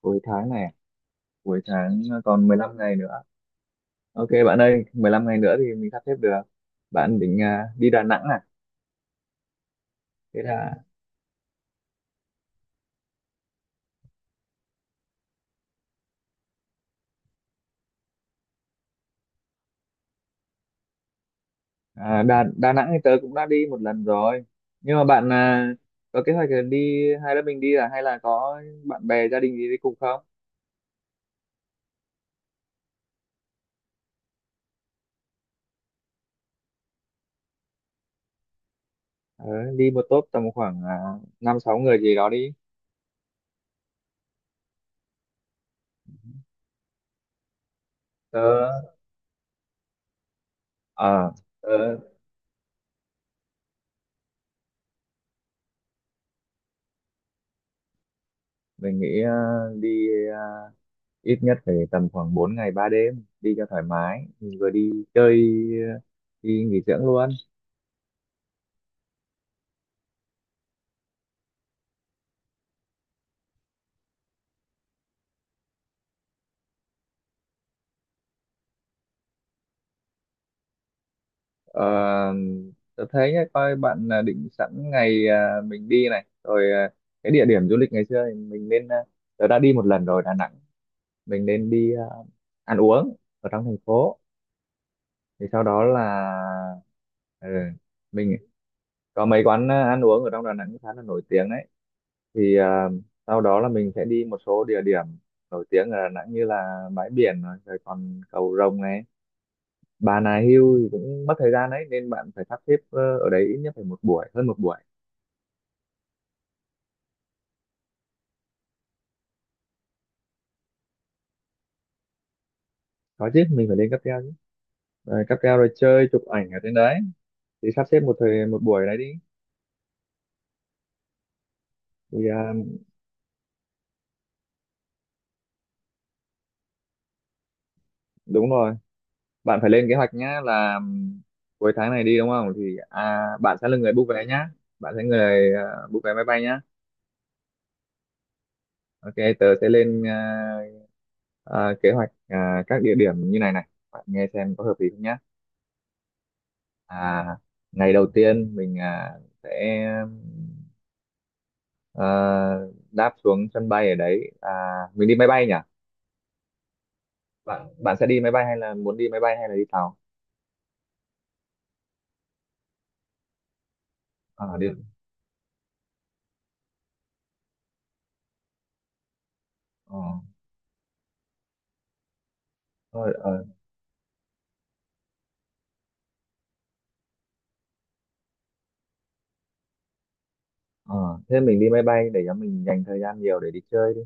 Cuối tháng này à? Cuối tháng à, còn 15 ngày nữa. OK bạn ơi, 15 ngày nữa thì mình sắp xếp được. Bạn định đi Đà Nẵng à? Thế là. À, Đà Đà Nẵng thì tớ cũng đã đi một lần rồi, nhưng mà bạn có kế hoạch là đi hai đứa mình đi à, hay là có bạn bè gia đình gì đi cùng không? Ờ, đi một tốp tầm khoảng năm sáu người gì đó đi. Tớ ờ tớ Mình nghĩ đi à, ít nhất phải tầm khoảng 4 ngày 3 đêm, đi cho thoải mái, mình vừa đi chơi đi nghỉ dưỡng luôn. Ờ, tôi thấy nhá, coi bạn là định sẵn ngày mình đi này rồi, cái địa điểm du lịch ngày xưa thì mình nên tôi đã đi một lần rồi Đà Nẵng. Mình nên đi ăn uống ở trong thành phố, thì sau đó là. Ừ, mình có mấy quán ăn uống ở trong Đà Nẵng khá là nổi tiếng đấy, thì sau đó là mình sẽ đi một số địa điểm nổi tiếng ở Đà Nẵng như là bãi biển này, rồi còn cầu Rồng này. Bà Nà Hills thì cũng mất thời gian đấy nên bạn phải sắp xếp, ở đấy ít nhất phải một buổi, hơn một buổi. Có chứ, mình phải lên cáp treo chứ. Rồi cáp treo rồi chơi chụp ảnh ở trên đấy, thì sắp xếp một buổi đấy đi. thì à, Đúng rồi. Bạn phải lên kế hoạch nhá, là cuối tháng này đi đúng không, thì bạn sẽ là người book vé nhá. Bạn sẽ người book vé máy bay nhá. OK tớ sẽ lên kế hoạch, các địa điểm như này này bạn nghe xem có hợp lý không nhé. à, Ngày đầu tiên mình sẽ à, đáp xuống sân bay ở đấy, mình đi máy bay nhỉ? Bạn bạn sẽ đi máy bay, hay là muốn đi máy bay, hay là đi tàu? Đi, ờ, thôi, ờ, ờ. Thế mình đi máy bay để cho mình dành thời gian nhiều để đi chơi đi,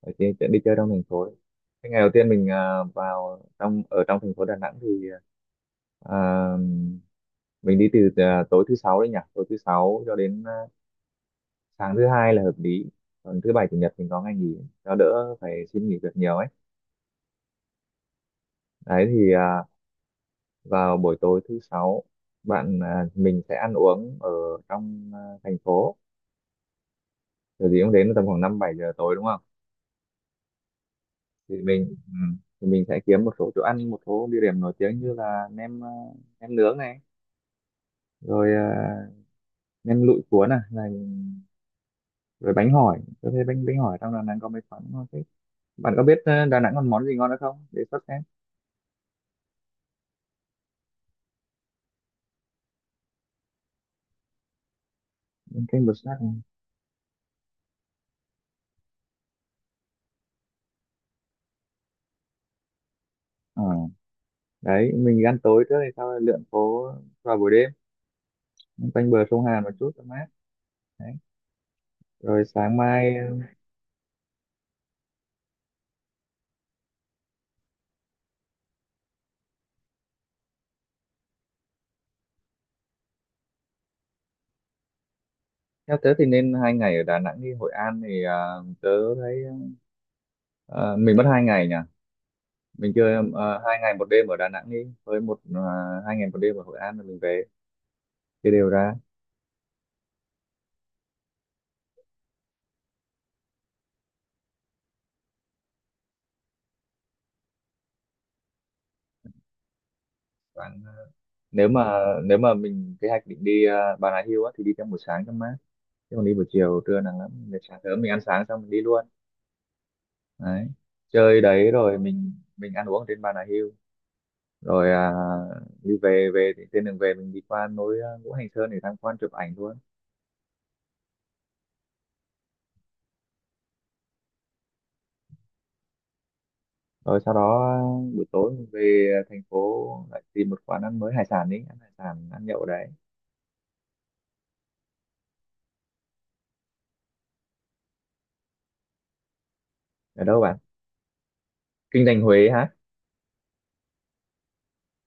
để đi chơi trong thành phố cái. Ngày đầu tiên mình vào trong, ở trong thành phố Đà Nẵng thì à, mình đi từ tối thứ sáu đấy nhỉ, tối thứ sáu cho đến sáng thứ hai là hợp lý. Còn thứ bảy chủ nhật mình có ngày nghỉ, cho đỡ phải xin nghỉ việc nhiều ấy. Đấy thì vào buổi tối thứ sáu bạn à, mình sẽ ăn uống ở trong thành phố. Kiểu gì cũng đến tầm khoảng 5-7 giờ tối, đúng không? thì mình ừ, thì mình sẽ kiếm một số chỗ ăn, một số địa điểm nổi tiếng như là nem, nem nướng này, rồi nem lụi cuốn này, này, rồi bánh hỏi, tôi thấy bánh bánh hỏi trong Đà Nẵng có mấy quán ngon thế. Bạn có biết Đà Nẵng còn món gì ngon nữa không để sắp xếp? Canh bờ sát này. Ờ, đấy mình ăn tối trước hay sau lượn phố vào buổi đêm, quanh bờ sông Hàn một chút cho mát. Đấy. Rồi sáng mai, theo tớ thì nên hai ngày ở Đà Nẵng, đi Hội An thì tớ thấy, ờ, mình mất hai ngày nhỉ. Mình chưa, 2 ngày 1 đêm ở Đà Nẵng đi, với một, 2 ngày 1 đêm ở Hội An rồi mình về, chia đều ra. Khoảng- nếu mà mình kế hoạch định đi Bà Nà Hills á, thì đi trong buổi sáng cho mát, chứ còn đi buổi chiều trưa nắng lắm. Để sáng sớm mình ăn sáng xong mình đi luôn. Đấy, chơi đấy rồi mình ăn uống ở trên Bà Nà Hills, rồi đi về về thì trên đường về mình đi qua núi, Ngũ Hành Sơn, để tham quan chụp ảnh luôn. Rồi sau đó buổi tối mình về thành phố, lại tìm một quán ăn mới, hải sản, đi ăn hải sản, ăn nhậu đấy. Ở đâu bạn? Kinh Thành Huế hả?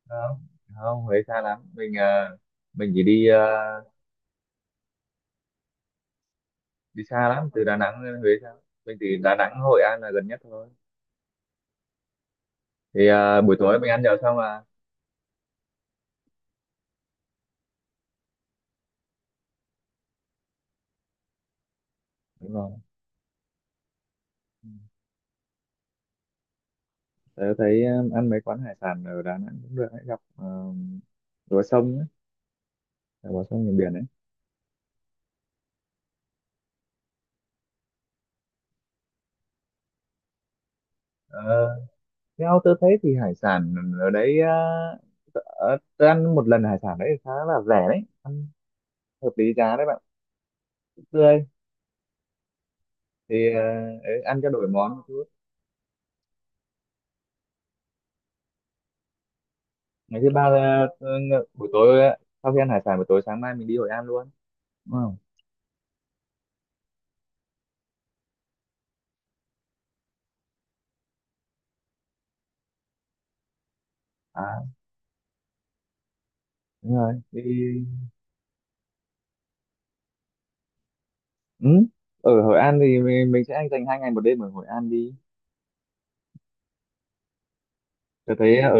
Không. Không, Huế xa lắm, mình mình chỉ đi đi xa lắm, từ Đà Nẵng đến Huế xa. Mình thì Đà Nẵng Hội An là gần nhất thôi. Thì buổi tối mình ăn nhậu xong là đúng rồi. Tớ thấy ăn mấy quán hải sản ở Đà Nẵng cũng được, hãy gặp, lúa sông ấy, là lúa sông miền biển ấy. Ờ, theo tớ thấy thì hải sản ở đấy, tớ ăn một lần hải sản đấy khá là rẻ đấy, ăn hợp lý giá đấy bạn, cũng tươi. thì ờ, Ấy, ăn cho đổi món một chút. Ngày thứ ba là, buổi tối, sau khi ăn hải sản buổi tối, sáng mai mình đi Hội An luôn. Đúng không? À, đúng rồi. Đi. Ừ. Ở Hội An thì mình sẽ anh dành 2 ngày 1 đêm ở Hội An đi. Tớ thấy ở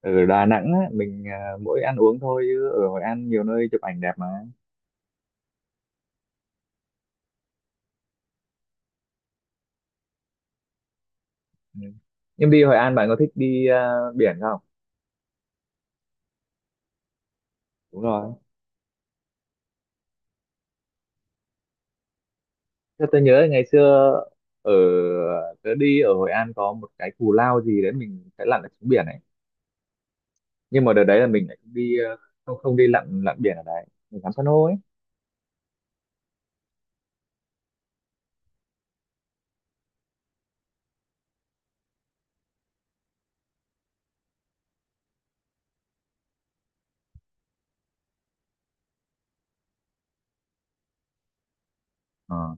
ở Đà Nẵng á, mình mỗi ăn uống thôi, chứ ở Hội An nhiều nơi chụp ảnh đẹp mà. Ừ. Nhưng đi Hội An bạn có thích đi biển không? Đúng rồi. Thế tôi nhớ ngày xưa, ở tớ đi ở Hội An có một cái cù lao gì đấy mình phải lặn ở xuống biển này, nhưng mà đợt đấy là mình lại không đi không không đi lặn lặn biển ở đấy, mình ngắm san hô ấy. Ờ.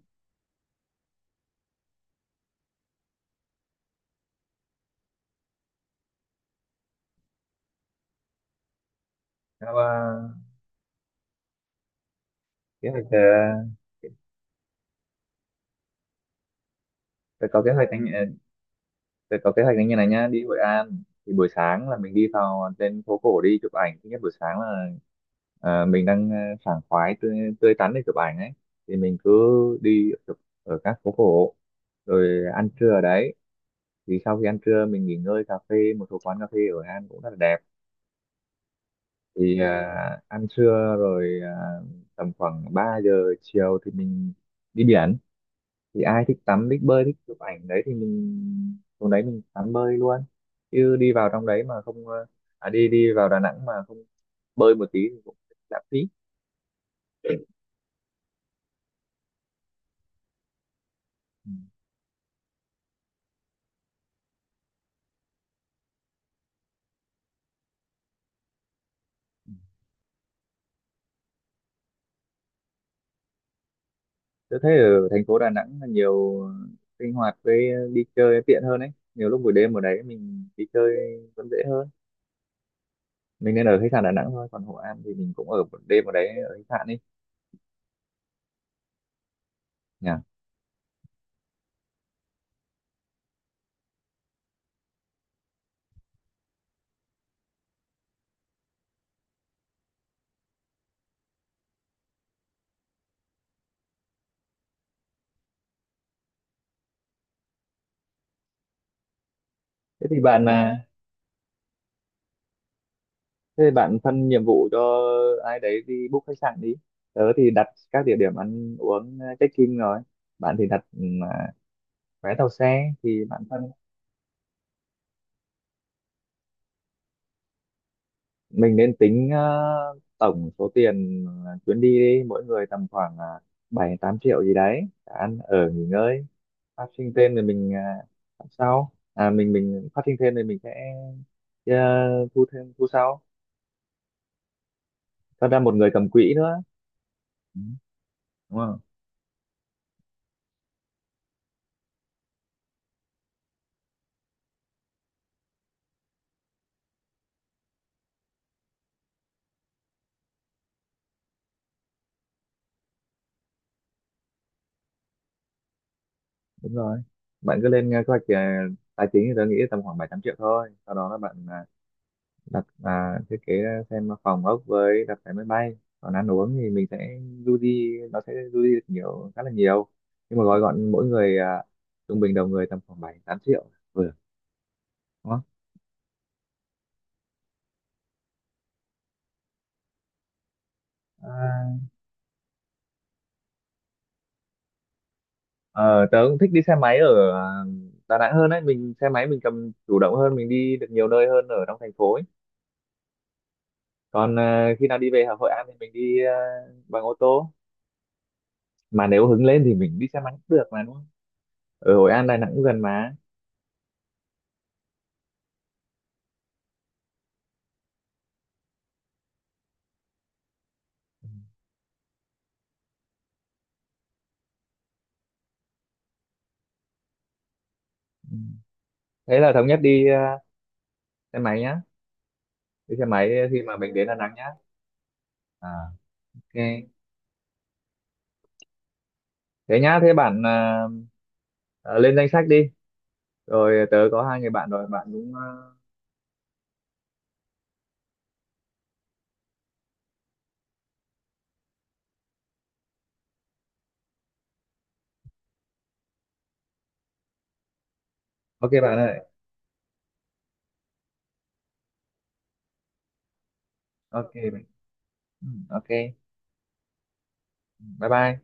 Thế mà kế hoạch, tớ có kế hoạch, tôi có kế hoạch là như này nhá: đi Hội An thì buổi sáng là mình đi vào trên phố cổ đi chụp ảnh. Thứ nhất buổi sáng là mình đang sảng khoái, tươi tắn để chụp ảnh ấy, thì mình cứ đi chụp ở các phố cổ, rồi ăn trưa ở đấy. Thì sau khi ăn trưa mình nghỉ ngơi, cà phê, một số quán cà phê ở Hội An cũng rất là đẹp. Thì ăn trưa rồi, tầm khoảng 3 giờ chiều thì mình đi biển. Thì ai thích tắm thích bơi thích chụp ảnh đấy thì mình xuống đấy mình tắm bơi luôn, chứ đi vào trong đấy mà không, đi đi vào Đà Nẵng mà không bơi một tí thì cũng lãng phí. Ừ. Tôi thấy ở thành phố Đà Nẵng là nhiều sinh hoạt với đi chơi tiện hơn ấy, nhiều lúc buổi đêm ở đấy mình đi chơi vẫn dễ hơn, mình nên ở khách sạn Đà Nẵng thôi, còn Hội An thì mình cũng ở một đêm ở đấy ở khách sạn đi nhỉ? thế thì bạn là Thế bạn phân nhiệm vụ cho ai đấy đi book khách sạn đi. Tớ thì đặt các địa điểm ăn uống, check-in rồi. Bạn thì đặt vé tàu xe thì bạn phân. Mình nên tính tổng số tiền, chuyến đi đi, mỗi người tầm khoảng, 7-8 triệu gì đấy, cả ăn ở nghỉ ngơi. Phát sinh thêm thì mình, làm sau. À, mình phát sinh thêm thì mình sẽ, ờ, thu thêm, thu sau. Cho ra một người cầm quỹ nữa. Ừ, đúng, đúng rồi. Bạn cứ lên kế hoạch, tài chính thì tôi nghĩ tầm khoảng 7-8 triệu thôi, sau đó là bạn đặt, thiết kế ra xem phòng ốc với đặt vé máy bay, còn ăn uống thì mình sẽ du đi, nó sẽ du đi được nhiều, khá là nhiều, nhưng mà gói gọn mỗi người trung bình đầu người tầm khoảng 7-8 triệu, vừa, đúng không? à, ờ, Tớ cũng thích đi xe máy ở Đà Nẵng hơn, đấy mình xe máy mình cầm chủ động hơn, mình đi được nhiều nơi hơn ở trong thành phố ấy. Còn khi nào đi về Hội An thì mình đi bằng ô tô, mà nếu hứng lên thì mình đi xe máy cũng được mà, đúng không? Ở Hội An Đà Nẵng cũng gần mà. Thế là thống nhất đi, xe máy nhá, đi xe máy khi mà mình đến Đà Nẵng nhá. à OK. Thế nhá, thế bạn, ờ, lên danh sách đi, rồi tớ có hai người bạn rồi, bạn cũng, OK bạn ơi. OK bạn. Ừ, OK. Bye bye.